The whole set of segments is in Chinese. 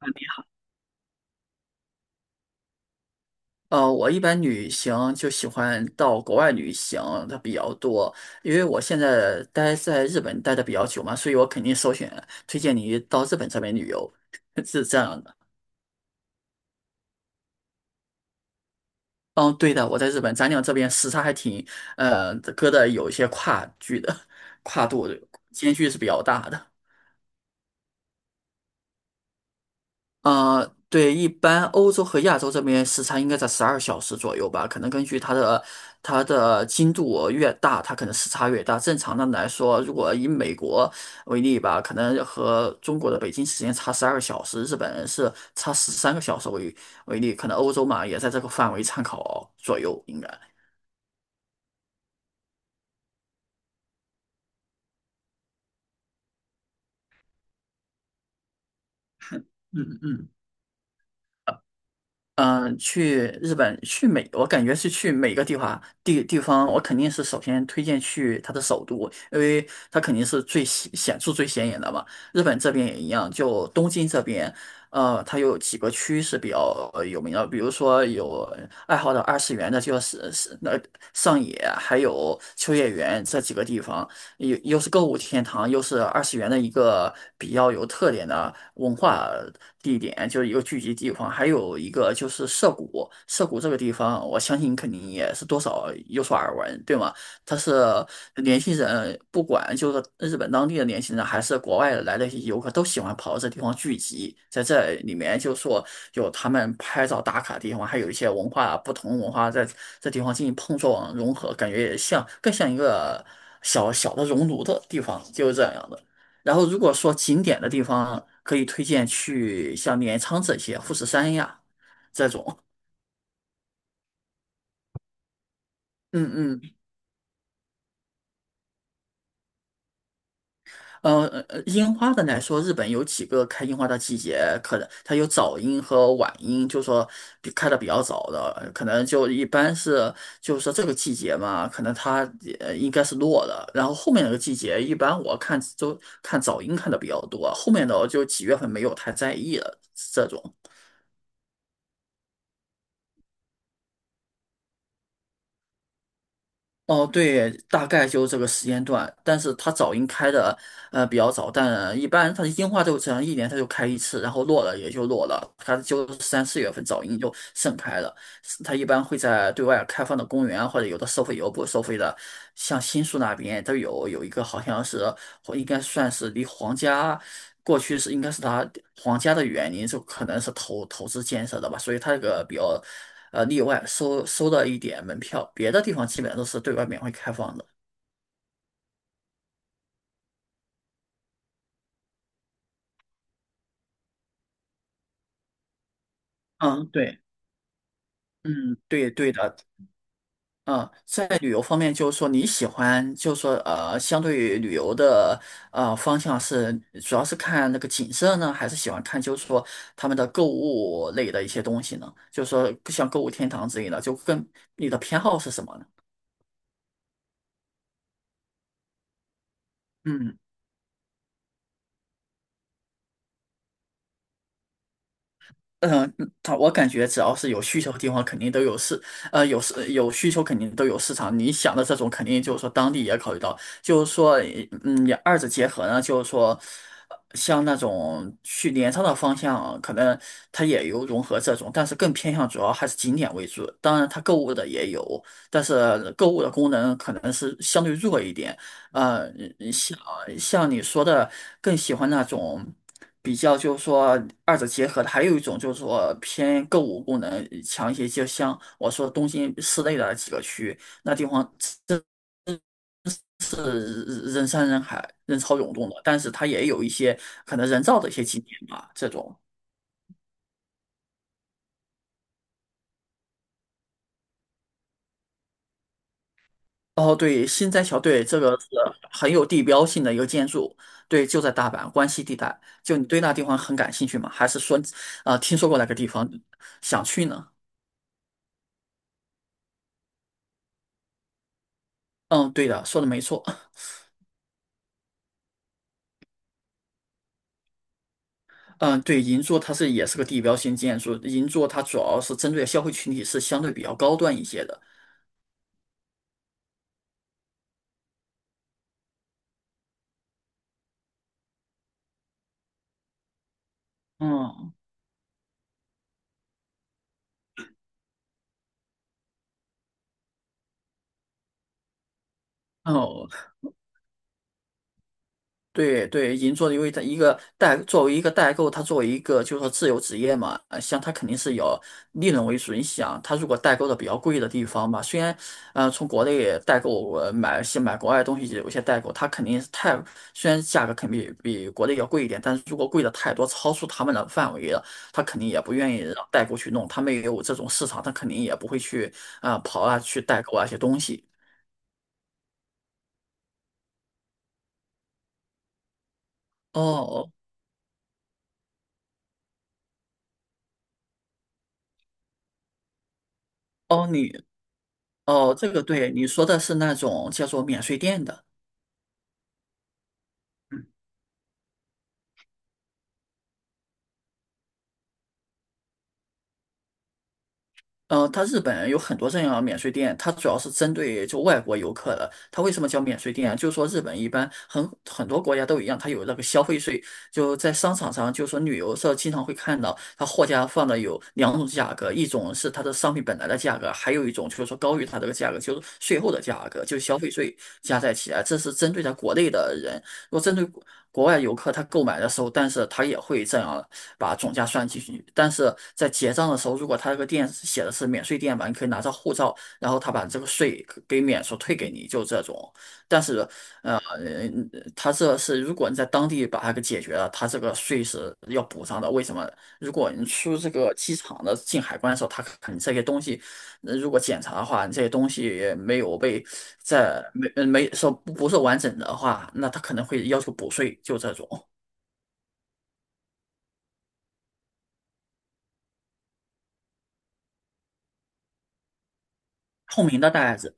啊你好，我一般旅行就喜欢到国外旅行的比较多，因为我现在待在日本待的比较久嘛，所以我肯定首选推荐你到日本这边旅游，是这样的。嗯，对的，我在日本，咱俩这边时差还挺，隔的有一些跨距的，跨度间距是比较大的。对，一般欧洲和亚洲这边时差应该在十二小时左右吧，可能根据它的精度越大，它可能时差越大。正常的来说，如果以美国为例吧，可能和中国的北京时间差十二小时，日本人是差13个小时为例，可能欧洲嘛也在这个范围参考左右，应该。嗯嗯。去日本，我感觉是去每个地方地方，我肯定是首先推荐去它的首都，因为它肯定是最显著、最显眼的嘛。日本这边也一样，就东京这边，它有几个区是比较有名的，比如说有爱好的二次元的，就是那上野，还有秋叶原这几个地方，又是购物天堂，又是二次元的一个比较有特点的。文化地点，就是一个聚集地方，还有一个就是涩谷。涩谷这个地方，我相信肯定也是多少有所耳闻，对吗？它是年轻人，不管就是日本当地的年轻人，还是国外来的一些游客，都喜欢跑到这地方聚集。在这里面，就说有他们拍照打卡的地方，还有一些不同文化在这地方进行碰撞融合，感觉也像更像一个小小的熔炉的地方，就是这样的。然后如果说景点的地方，可以推荐去像镰仓这些、富士山呀这种。嗯嗯，樱花的来说，日本有几个开樱花的季节，可能它有早樱和晚樱，就说比开的比较早的，可能就一般是就是说这个季节嘛，可能它应该是落了，然后后面那个季节，一般我看都看早樱看的比较多，后面的我就几月份没有太在意了这种。哦，对，大概就这个时间段，但是它早樱开的比较早，但一般它的樱花都只能一年它就开一次，然后落了也就落了，它就是三四月份早樱就盛开了。它一般会在对外开放的公园啊，或者有的收费，有的不收费的。像新宿那边，都有一个好像是，或应该算是离皇家过去是应该是他皇家的园林，就可能是投资建设的吧，所以它这个比较例外，收了一点门票，别的地方基本上都是对外免费开放的。嗯，对，嗯，对对的，嗯，在旅游方面，就是说你喜欢，就是说相对于旅游的方向是，主要是看那个景色呢，还是喜欢看就是说他们的购物类的一些东西呢？就是说像购物天堂之类的，就跟你的偏好是什么呢？嗯嗯，他我感觉只要是有需求的地方，肯定都有市，有市有需求，肯定都有市场。你想的这种，肯定就是说当地也考虑到，就是说，嗯，也二者结合呢，就是说，像那种去镰仓的方向，可能它也有融合这种，但是更偏向主要还是景点为主。当然，它购物的也有，但是购物的功能可能是相对弱一点。呃，呃像像你说的，更喜欢那种比较，就是说二者结合的。还有一种就是说偏购物功能强一些，就像我说东京市内的几个区，那地方真是人山人海、人潮涌动的，但是它也有一些可能人造的一些景点吧，这种。哦，对，新斋桥，对，这个是很有地标性的一个建筑，对，就在大阪关西地带。就你对那地方很感兴趣吗？还是说，听说过那个地方想去呢？嗯，对的，说的没错。嗯，对，银座它是也是个地标性建筑，银座它主要是针对消费群体是相对比较高端一些的。嗯，哦，对对，银座的，因为它一个代作为一个代购，它作为一个就是说自由职业嘛，像它肯定是有利润为主。你想，它如果代购的比较贵的地方嘛，虽然从国内代购买国外的东西，有些代购它肯定是太虽然价格肯定比国内要贵一点，但是如果贵的太多，超出他们的范围了，他肯定也不愿意让代购去弄，他们也有这种市场，他肯定也不会去啊、跑啊去代购啊一些东西。哦哦，哦，你。哦，这个对，你说的是那种叫做免税店的。嗯，它日本有很多这样的免税店，它主要是针对就外国游客的。它为什么叫免税店啊？就是说日本一般很多国家都一样，它有那个消费税，就在商场上，就是说旅游社经常会看到，它货架放的有两种价格，一种是它的商品本来的价格，还有一种就是说高于它这个价格，就是税后的价格，就是消费税加在起来，这是针对在国内的人。如果针对国外游客，他购买的时候，但是他也会这样把总价算进去。但是在结账的时候，如果他这个店写的是免税店吧，你可以拿着护照，然后他把这个税给免除退给你，就这种。但是，他这是如果你在当地把它给解决了，他这个税是要补上的。为什么？如果你出这个机场的进海关的时候，他看你这些东西那如果检查的话，这些东西没有被在没说不是完整的话，那他可能会要求补税，就这种透明的袋子。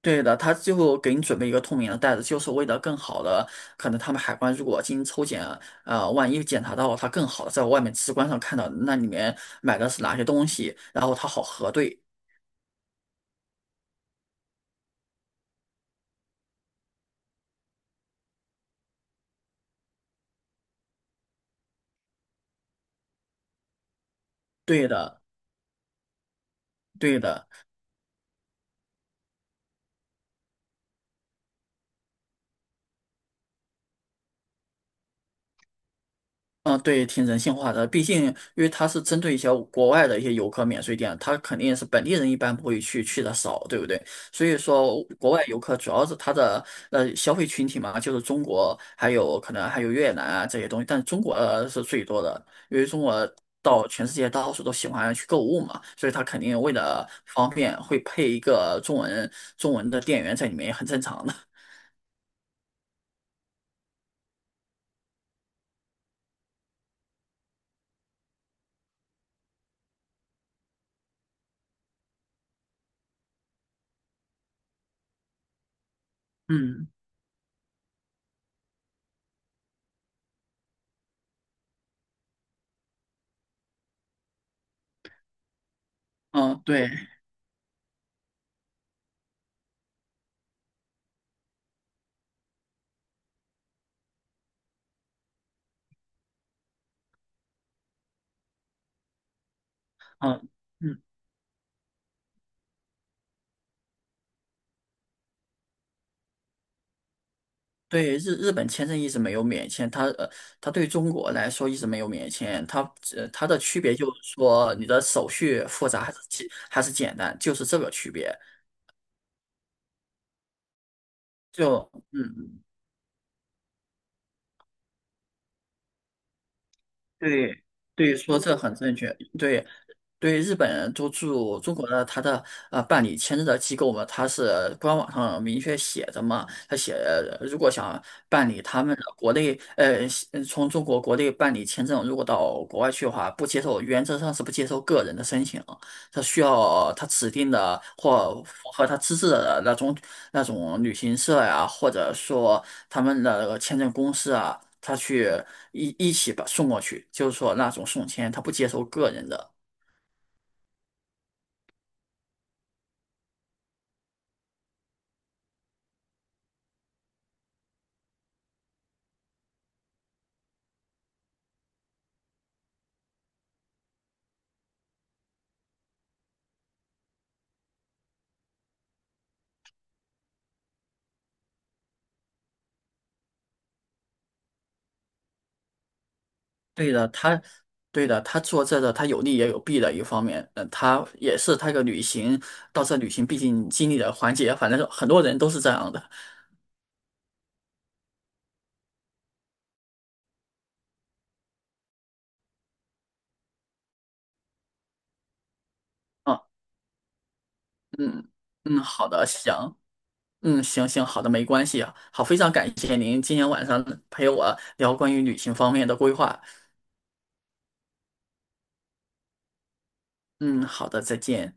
对的，他最后给你准备一个透明的袋子，就是为了更好的，可能他们海关如果进行抽检，万一检查到他更好的，在外面直观上看到那里面买的是哪些东西，然后他好核对。对的，对的。嗯，对，挺人性化的。毕竟，因为它是针对一些国外的一些游客免税店，它肯定是本地人一般不会去，去的少，对不对？所以说，国外游客主要是它的消费群体嘛，就是中国，还有可能还有越南啊这些东西，但中国是最多的，因为中国到全世界到处都喜欢去购物嘛，所以它肯定为了方便会配一个中文的店员在里面，也很正常的。嗯嗯，对，嗯。嗯。对日本签证一直没有免签，它它对中国来说一直没有免签，它它的区别就是说你的手续复杂还是简单，就是这个区别。就嗯，对对，说这很正确。对对，日本都驻中国的他的办理签证的机构嘛，他是官网上明确写着嘛，他写如果想办理他们的国内从中国国内办理签证，如果到国外去的话，不接受，原则上是不接受个人的申请。他需要他指定的或符合他资质的那种旅行社呀，或者说他们的签证公司啊，他去一起把送过去，就是说那种送签，他不接受个人的。对的，对的，他做这个他有利也有弊的一方面，嗯，他也是他一个旅行到这旅行经历的环节，反正很多人都是这样的。嗯嗯嗯，好的，行。嗯，行行，好的，没关系啊。好，非常感谢您今天晚上陪我聊关于旅行方面的规划。嗯，好的，再见。